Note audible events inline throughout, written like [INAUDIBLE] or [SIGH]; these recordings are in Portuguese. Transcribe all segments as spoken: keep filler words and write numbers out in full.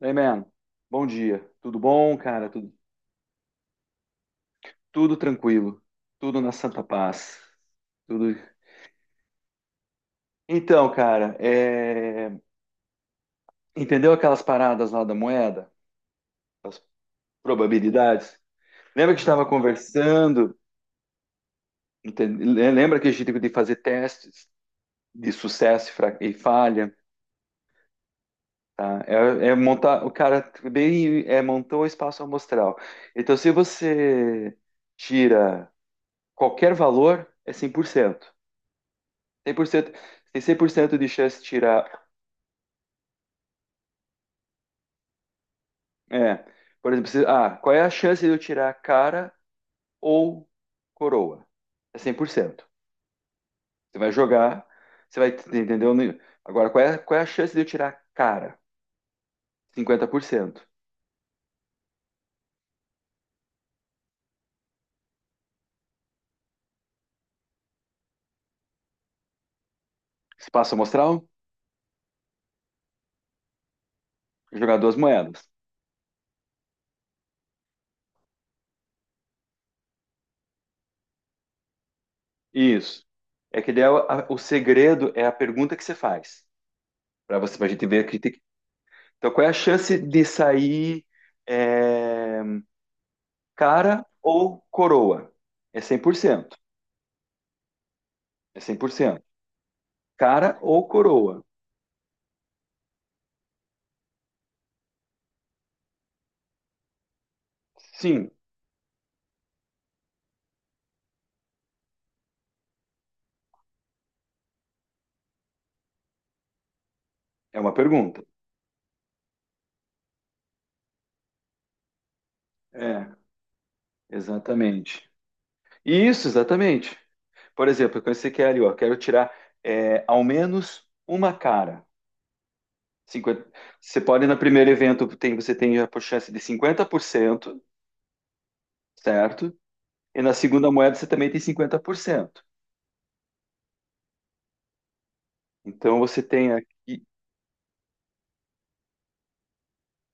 Hey, man. Bom dia. Tudo bom, cara? Tudo, tudo tranquilo. Tudo na santa paz. Tudo. Então, cara, é, entendeu aquelas paradas lá da moeda? As probabilidades? Lembra que a gente estava conversando? Enten- Lembra que a gente tem que fazer testes de sucesso e fra- e falha? Tá? É, é montar. O cara bem é, Montou o espaço amostral. Então, se você tira qualquer valor, é cem por cento. Cem por cento, tem cem por cento de chance de tirar. É, por exemplo, se- ah, qual é a chance de eu tirar cara ou coroa? É cem por cento. Você vai jogar, você vai, entendeu? Agora, qual é, qual é a chance de eu tirar cara? Cinquenta por cento. Espaço amostral, jogar duas moedas. Isso. É que daí a- o segredo é a pergunta que você faz. Para você, pra gente ver que tem que. Então, qual é a chance de sair é, cara ou coroa? É cem por cento. É cem por cento. Cara ou coroa? Sim, é uma pergunta. É, exatamente. Isso, exatamente. Por exemplo, quando você quer ali, ó, quero tirar é, ao menos uma cara. Cinquenta. Você pode, no primeiro evento, tem, você tem a chance de cinquenta por cento, certo? E na segunda moeda você também tem cinquenta por cento. Então você tem aqui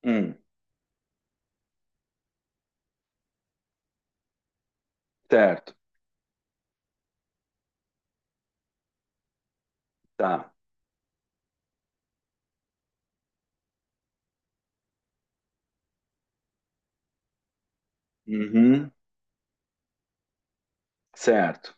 um, certo? Tá. Uhum, certo.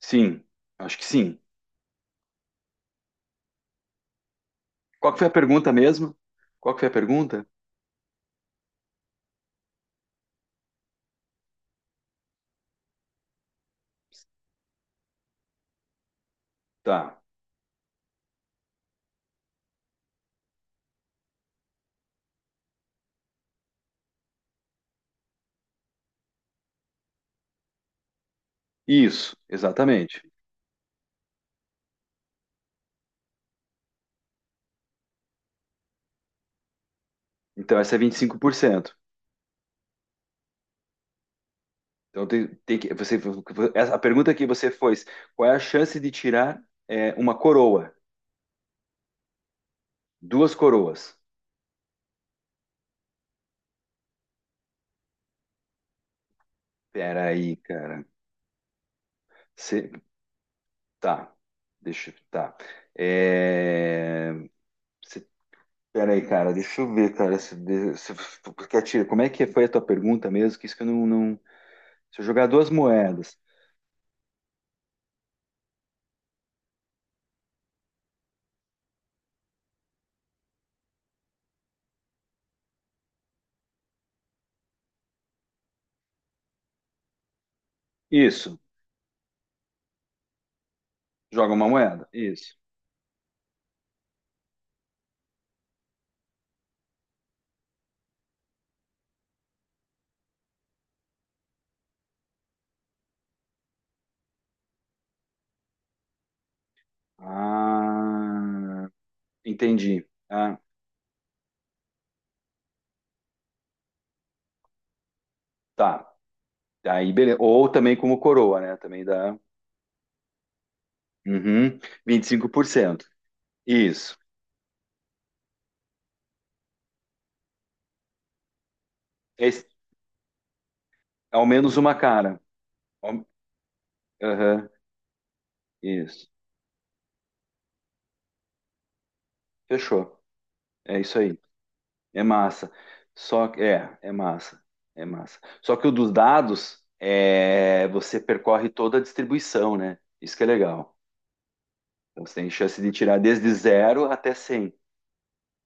Sim, acho que sim. Qual que foi a pergunta mesmo? Qual que foi a pergunta? Tá. Isso, exatamente. Então, essa é vinte e cinco por cento. Então, tem, tem que, você, essa- a pergunta que você fez, qual é a chance de tirar é, uma coroa? Duas coroas. Pera aí, cara. Você, tá. Deixa, eu- tá. É, você, pera aí, cara. Deixa eu ver, cara. Se, de- se, porque a tira- como é que foi a tua pergunta mesmo? Que isso que eu não, não... Se eu jogar duas moedas. Isso. Joga uma moeda. Isso. Ah... Entendi. Ah, tá. Aí, beleza. Ou também como coroa, né? Também dá. Uhum. Vinte e cinco por cento. Isso. Esse- ao menos uma cara. Ao- Aham. Isso. Fechou. É isso aí. É massa. Só que. É, é massa. É massa. Só que o dos dados, é, você percorre toda a distribuição, né? Isso que é legal. Então, você tem chance de tirar desde zero até cem.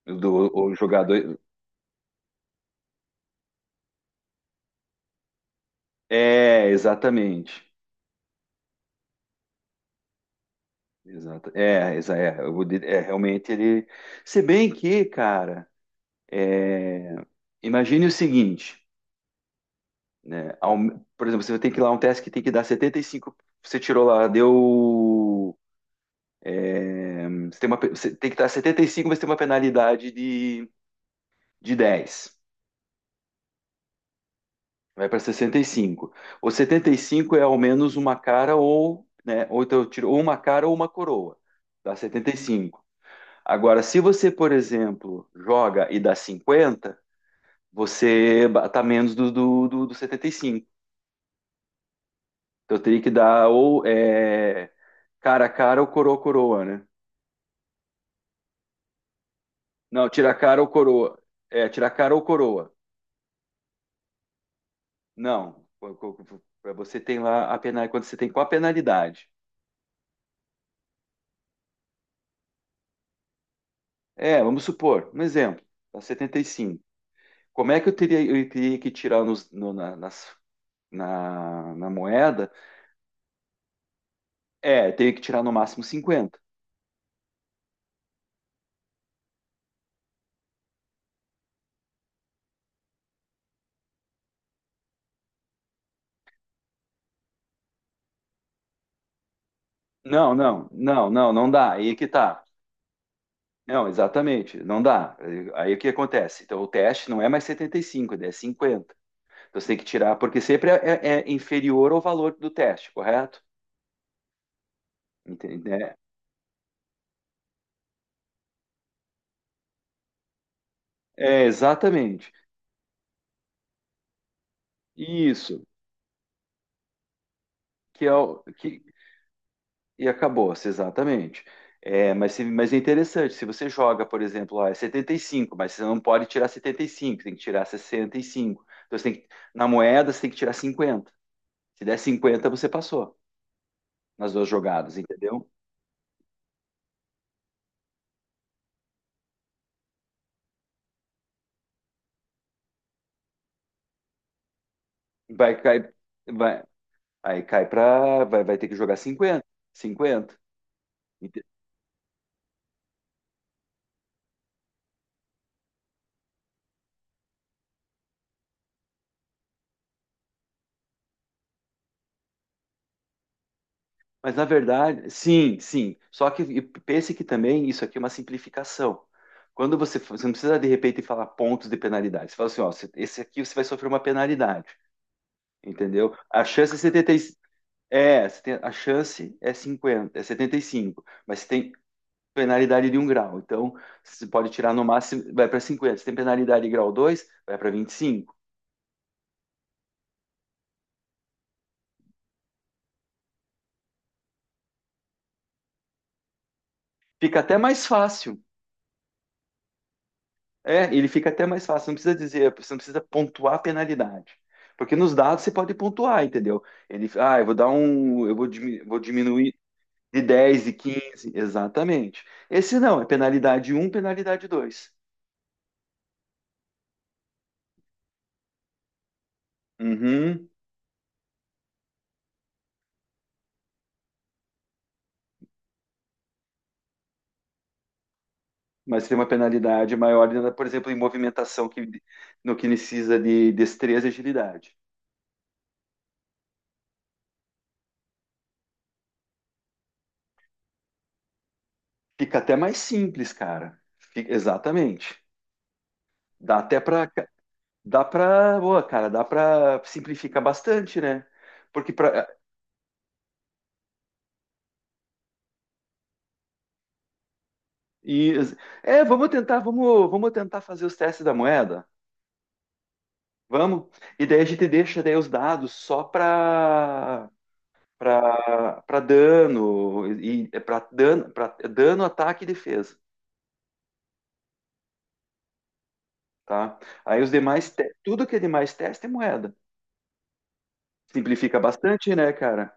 Do, o jogador. É, exatamente. Exato. É, exa- é, eu vou dir- é, realmente ele. Se bem que, cara, imagine o seguinte, né? ao- Por exemplo, você tem que ir lá um teste que tem que dar setenta e cinco, você tirou lá, deu. Você tem, uma, pe- você tem que dar setenta e cinco, mas tem uma penalidade de, de dez. Vai para sessenta e cinco, o setenta e cinco é ao menos uma cara ou, né? Ou então eu tiro ou uma cara ou uma coroa. Dá setenta e cinco. Agora, se você, por exemplo, joga e dá cinquenta, você tá menos do, do, do, do setenta e cinco. Então eu teria que dar ou é, cara a cara ou coroa a coroa, né? Não, tira a cara ou coroa. É, tira a cara ou coroa. Não, co- co- co- Pra você tem lá a penalidade, quando você tem qual a penalidade? É, vamos supor, um exemplo, tá setenta e cinco. Como é que eu teria, eu teria que tirar nos, no- na, nas- na, na moeda? É, eu teria que tirar no máximo cinquenta. Não, não, não, não, não dá. Aí é que tá. Não, exatamente, não dá. Aí, aí o que acontece? Então o teste não é mais setenta e cinco, é cinquenta. Então você tem que tirar, porque sempre é, é- é inferior ao valor do teste, correto? Entende? É, é, exatamente. Isso, que é o que e acabou-se, exatamente. É, mas, se- mas é interessante, se você joga, por exemplo, ó, é setenta e cinco, mas você não pode tirar setenta e cinco, tem que tirar sessenta e cinco. Então você tem que, na moeda você tem que tirar cinquenta. Se der cinquenta, você passou nas duas jogadas, entendeu? Vai cair, vai, aí cai para, vai, vai ter que jogar cinquenta, cinquenta. Ente- Mas na verdade, sim, sim. Só que e pense que também isso aqui é uma simplificação. Quando você, fa- você não precisa de repente falar pontos de penalidade. Você fala assim, ó, você- esse aqui você vai sofrer uma penalidade, entendeu? A chance é setenta e cinco, é, você tem- a chance é cinquenta é setenta e cinco, mas você tem penalidade de um grau. Então, você pode tirar no máximo, vai para cinquenta. Se tem penalidade de grau dois, vai para vinte e cinco. Fica até mais fácil. É, ele fica até mais fácil, não precisa dizer, você não precisa pontuar a penalidade. Porque nos dados você pode pontuar, entendeu? Ele, ah, eu vou dar um, eu vou diminuir, vou diminuir de dez e quinze, exatamente. Esse não, é penalidade um, penalidade dois. Uhum, mas tem uma penalidade maior, né, por exemplo, em movimentação que no que precisa de destreza e agilidade. Fica até mais simples, cara. Fica- exatamente. Dá até para. Dá pra, boa, cara, dá pra simplificar bastante, né? Porque pra, e, é, vamos tentar, vamos, vamos tentar fazer os testes da moeda. Vamos? E daí a gente deixa daí os dados só para para para dano, e para dano, para dano, ataque e defesa, tá? Aí os demais, te- tudo que é demais teste é moeda. Simplifica bastante, né, cara?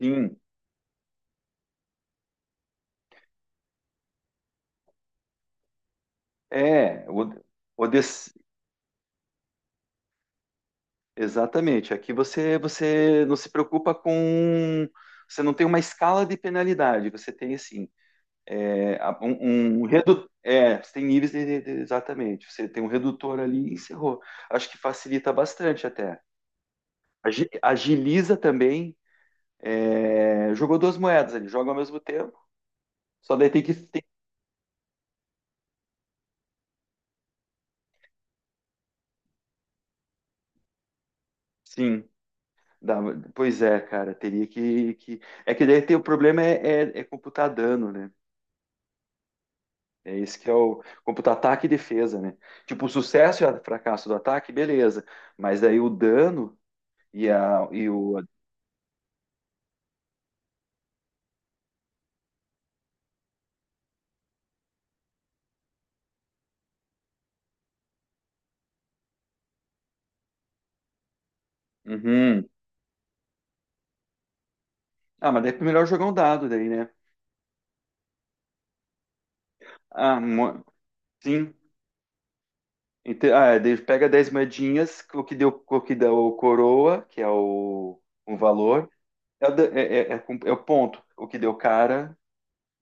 Sim. É, o, o, D C. Exatamente. Aqui você você não se preocupa com, você não tem uma escala de penalidade. Você tem assim é, a- um, um redu... é, você tem níveis de, de- exatamente. Você tem um redutor ali e encerrou. Acho que facilita bastante até. Agi- Agiliza também. É, jogou duas moedas ali, joga ao mesmo tempo. Só daí tem que tem- sim. dá- Pois é, cara, teria que, que... É que daí tem, o problema é, é, é computar dano, né? É isso que é o computar ataque e defesa, né? Tipo, o sucesso e o fracasso do ataque, beleza. Mas daí o dano e, a, e o. Uhum. Ah, mas daí é melhor jogar um dado daí, né? Ah, mo- sim. Ente- Ah, é, daí pega dez moedinhas, o que deu, o que deu coroa, que é o, o valor, é, o da- é- é- é com- é o ponto. O que deu cara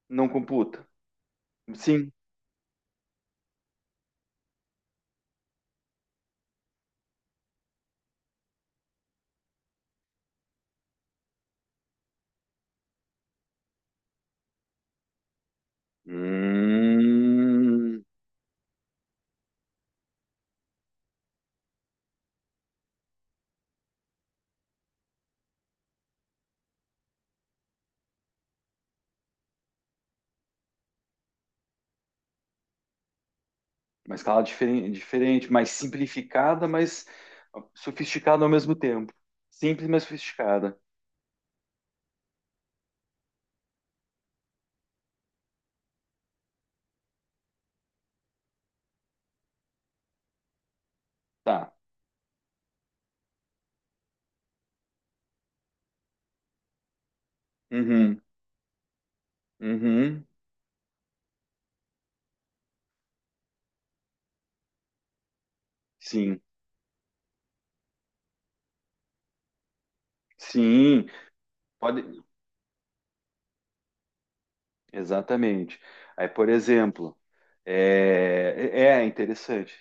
não computa. Sim. Hum. Uma escala diferen- diferente, mais simplificada, mas sofisticada ao mesmo tempo. Simples, mas sofisticada. Tá. Uhum. Uhum. Sim. Sim. Pode. Exatamente. Aí, por exemplo, é, é é interessante.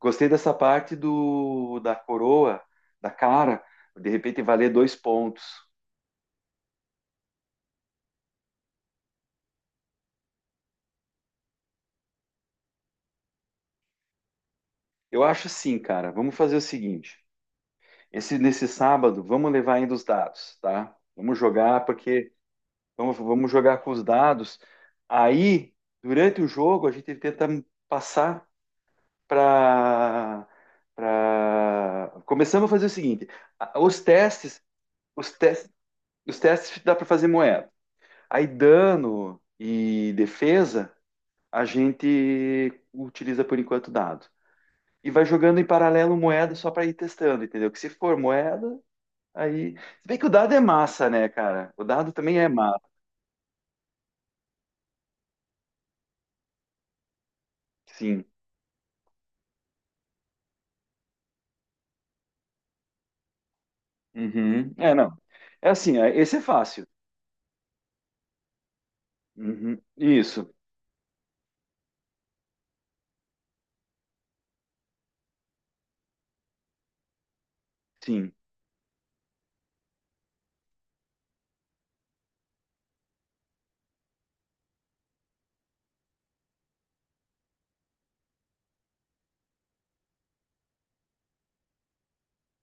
Gostei dessa parte do da coroa, da cara, de repente valer dois pontos. Eu acho assim, cara. Vamos fazer o seguinte. Esse Nesse sábado, vamos levar ainda os dados, tá? Vamos jogar porque vamos, vamos jogar com os dados. Aí, durante o jogo, a gente tenta passar para. Pra... Começamos a fazer o seguinte: os testes, os testes, os testes dá para fazer moeda. Aí, dano e defesa, a gente utiliza por enquanto dado. E vai jogando em paralelo moeda só para ir testando, entendeu? Que se for moeda, aí. Se bem que o dado é massa, né, cara? O dado também é massa, sim. Uhum. É, não. É assim, é- esse é fácil. Uhum. Isso, sim.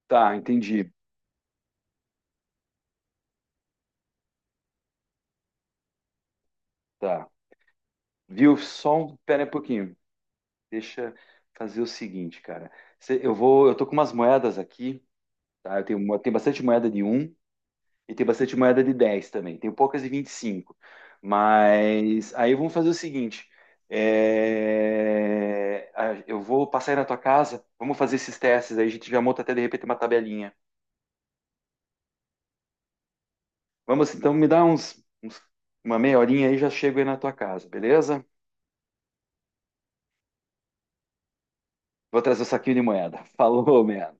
Tá, entendi. Tá. Viu? Só um, pera aí um pouquinho. Deixa eu fazer o seguinte, cara. Cê- Eu vou, eu tô com umas moedas aqui, tá? Eu tenho, mo- tem bastante moeda de um e tem bastante moeda de dez também. Tenho poucas de vinte e cinco. Mas aí vamos fazer o seguinte. é, a- Eu vou passar aí na tua casa, vamos fazer esses testes aí, a gente já monta até de repente uma tabelinha. Vamos, então, me dá uns, uns- uma meia horinha aí, já chego aí na tua casa, beleza? Vou trazer o saquinho de moeda. [LAUGHS] Falou, man.